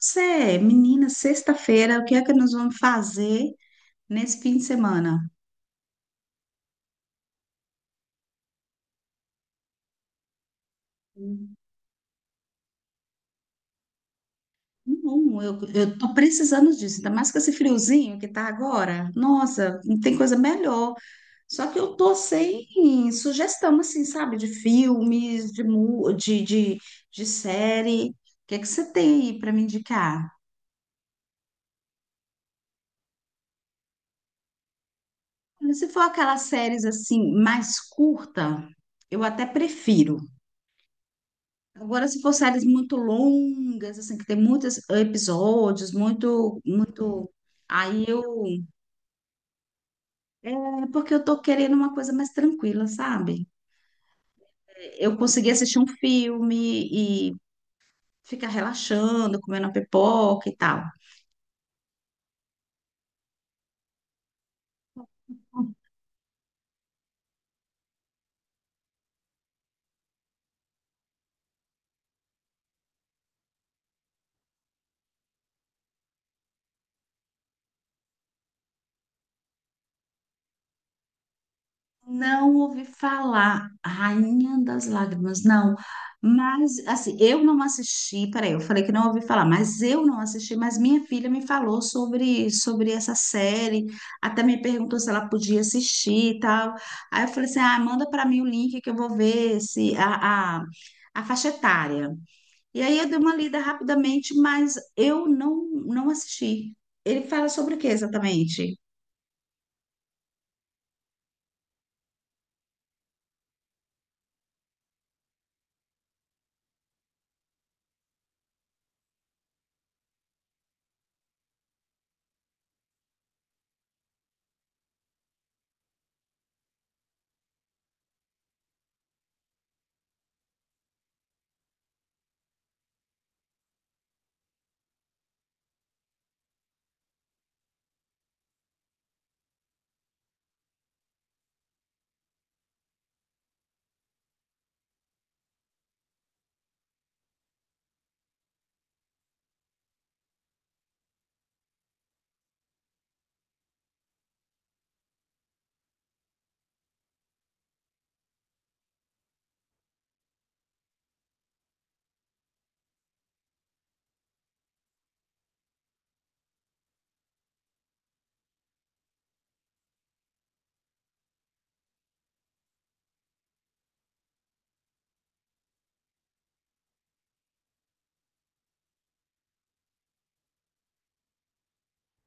Você, menina, sexta-feira, o que é que nós vamos fazer nesse fim de semana? Hum. Não, eu tô precisando disso, ainda mais com esse friozinho que tá agora. Nossa, não tem coisa melhor. Só que eu tô sem sugestão, assim, sabe, de filmes, de, mu- de série. O que é que você tem aí para me indicar? Se for aquelas séries, assim, mais curta, eu até prefiro. Agora, se for séries muito longas, assim, que tem muitos episódios, muito, muito. Aí eu. É porque eu tô querendo uma coisa mais tranquila, sabe? Eu consegui assistir um filme e ficar relaxando, comendo uma pipoca e tal. Não ouvi falar Rainha das Lágrimas, não. Mas, assim, eu não assisti, peraí, eu falei que não ouvi falar, mas eu não assisti, mas minha filha me falou sobre essa série, até me perguntou se ela podia assistir e tal. Aí eu falei assim, ah, manda para mim o link que eu vou ver se a faixa etária. E aí eu dei uma lida rapidamente, mas eu não assisti. Ele fala sobre o que exatamente?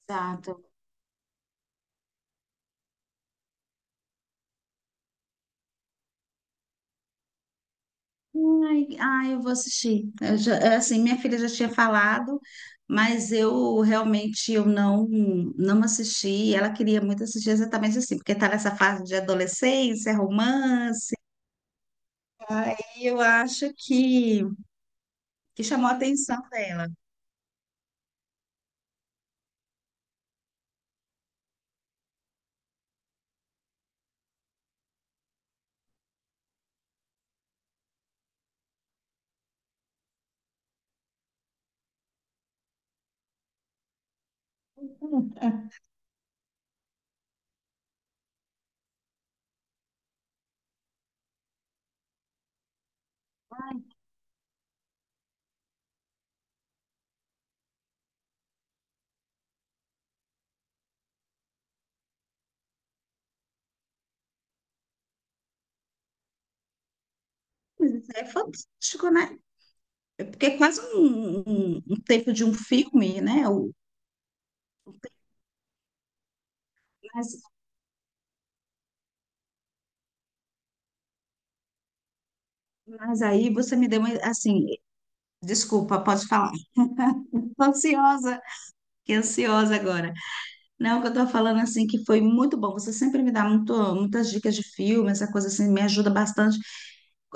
Exato. Ai, ai, eu vou assistir. Eu já- é assim, minha filha já tinha falado, mas eu realmente eu não não assisti. Ela queria muito assistir exatamente assim, porque está nessa fase de adolescência, romance. Aí eu acho que chamou a atenção dela. Mas isso é fantástico, né? Porque é quase um, um tempo de um filme, né? O- Mas, mas aí você me deu uma, assim, desculpa, pode falar. Tô ansiosa, fiquei ansiosa agora. Não, o que eu tô falando assim que foi muito bom. Você sempre me dá muito, muitas dicas de filme, essa coisa assim, me ajuda bastante.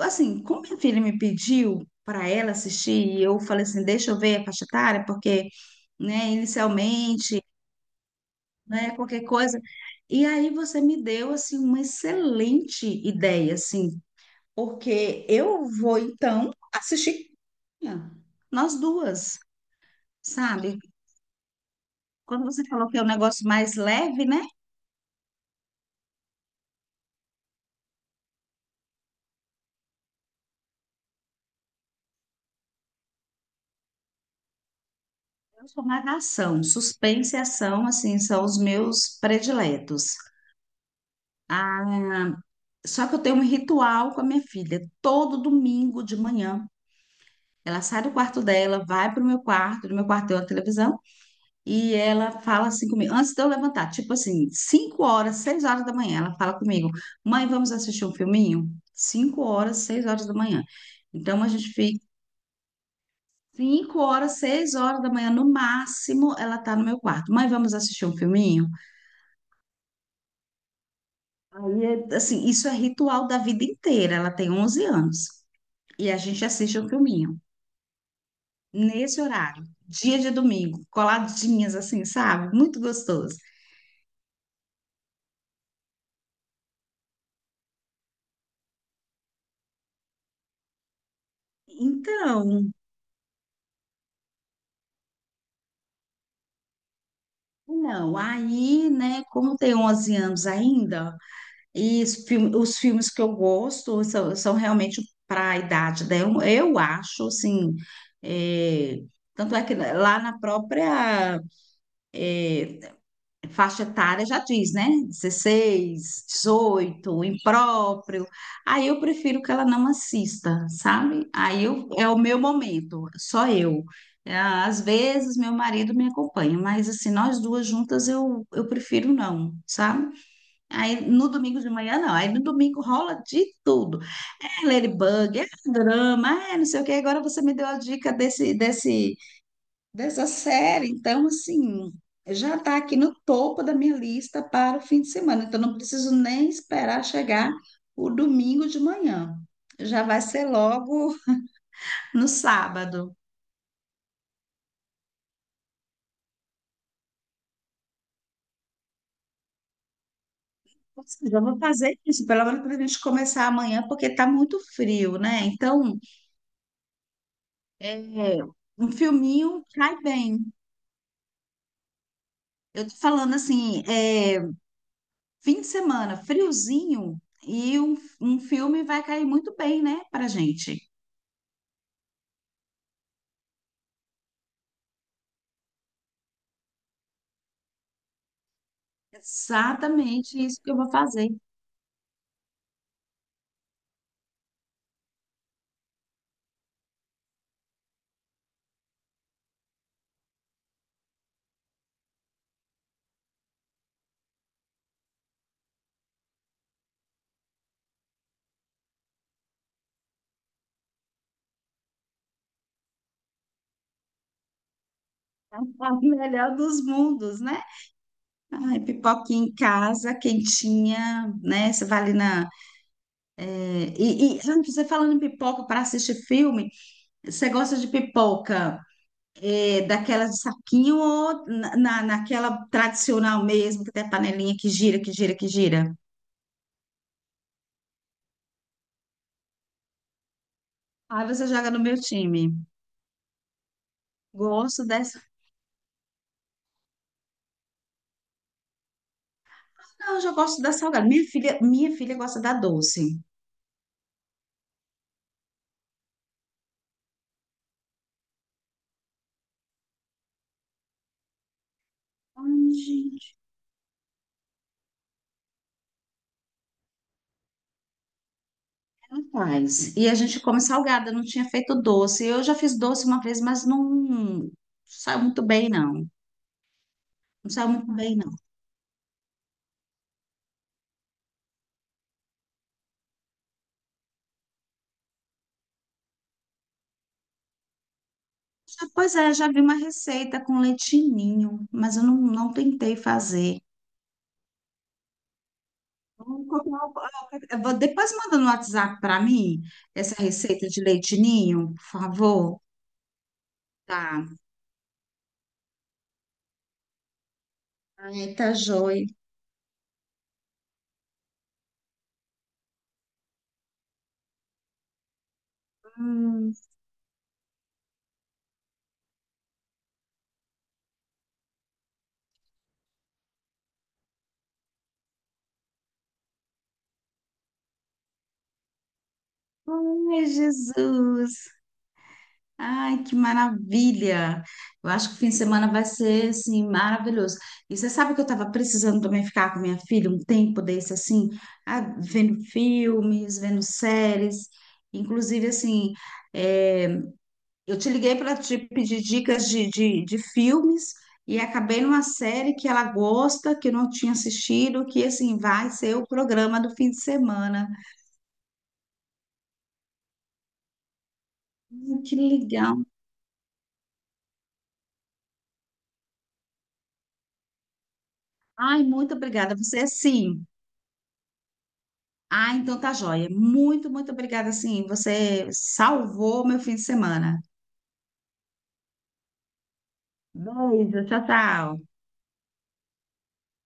Assim, como minha filha me pediu para ela assistir, e eu falei assim, deixa eu ver a faixa etária, porque, né, inicialmente, né, qualquer coisa. E aí você me deu, assim, uma excelente ideia, assim, porque eu vou, então, assistir. Nós duas, sabe? Quando você falou que é um negócio mais leve, né? Eu sou ação. Suspense e ação, assim, são os meus prediletos. Ah, só que eu tenho um ritual com a minha filha. Todo domingo de manhã, ela sai do quarto dela, vai pro meu quarto, no meu quarto tem uma televisão, e ela fala assim comigo, antes de eu levantar, tipo assim, 5 horas, 6 horas da manhã, ela fala comigo, mãe, vamos assistir um filminho? 5 horas, 6 horas da manhã. Então, a gente fica 5 horas, 6 horas da manhã, no máximo, ela tá no meu quarto. Mãe, vamos assistir um filminho? Aí, é, assim, isso é ritual da vida inteira. Ela tem 11 anos. E a gente assiste um filminho nesse horário, dia de domingo, coladinhas assim, sabe? Muito gostoso. Então, não, aí, né, como tem 11 anos ainda, e os os filmes que eu gosto são, são realmente para a idade dela, eu acho, assim, é, tanto é que lá na própria faixa etária já diz, né? 16, 18 impróprio. Aí eu prefiro que ela não assista, sabe? Aí eu- é o meu momento, só eu. É, às vezes meu marido me acompanha, mas assim, nós duas juntas eu prefiro não, sabe? Aí no domingo de manhã não, aí no domingo rola de tudo. É Ladybug, é drama, é não sei o que. Agora você me deu a dica desse, desse dessa série. Então, assim, já está aqui no topo da minha lista para o fim de semana. Então, não preciso nem esperar chegar o domingo de manhã. Já vai ser logo no sábado. Ou seja, eu vou fazer isso, pelo menos para a gente começar amanhã, porque está muito frio, né? Então, é, um filminho cai bem. Eu tô falando assim, é, fim de semana, friozinho, e um filme vai cair muito bem, né, pra gente. Exatamente isso que eu vou fazer. O melhor dos mundos, né? Ai, pipoquinha em casa, quentinha, né? Você vai ali na. E antes, você falando em pipoca para assistir filme, você gosta de pipoca daquela de saquinho ou naquela tradicional mesmo, que tem a panelinha que gira, que gira, que gira? Aí você joga no meu time. Gosto dessa. Não, eu já gosto da salgada. Minha filha gosta da doce. Ai, rapaz, e a gente come salgada, não tinha feito doce. Eu já fiz doce uma vez, mas não saiu muito bem, não. Não saiu muito bem, não. Já- Pois é, já vi uma receita com leitinho, mas eu não tentei fazer. Vamos copiar o- eu vou- Depois manda no WhatsApp para mim essa receita de leitinho, por favor. Tá. Ai, tá joia. Hum. Ai, Jesus. Ai, que maravilha! Eu acho que o fim de semana vai ser, assim, maravilhoso. E você sabe que eu estava precisando também ficar com minha filha um tempo desse, assim, ah, vendo filmes, vendo séries. Inclusive, assim, é, eu te liguei para te pedir dicas de filmes e acabei numa série que ela gosta, que eu não tinha assistido, que, assim, vai ser o programa do fim de semana. Ai, que legal! Ai, muito obrigada. Você, assim... Ah, então tá joia. Muito, muito obrigada, sim. Você salvou meu fim de semana. Beijo, tchau, tchau.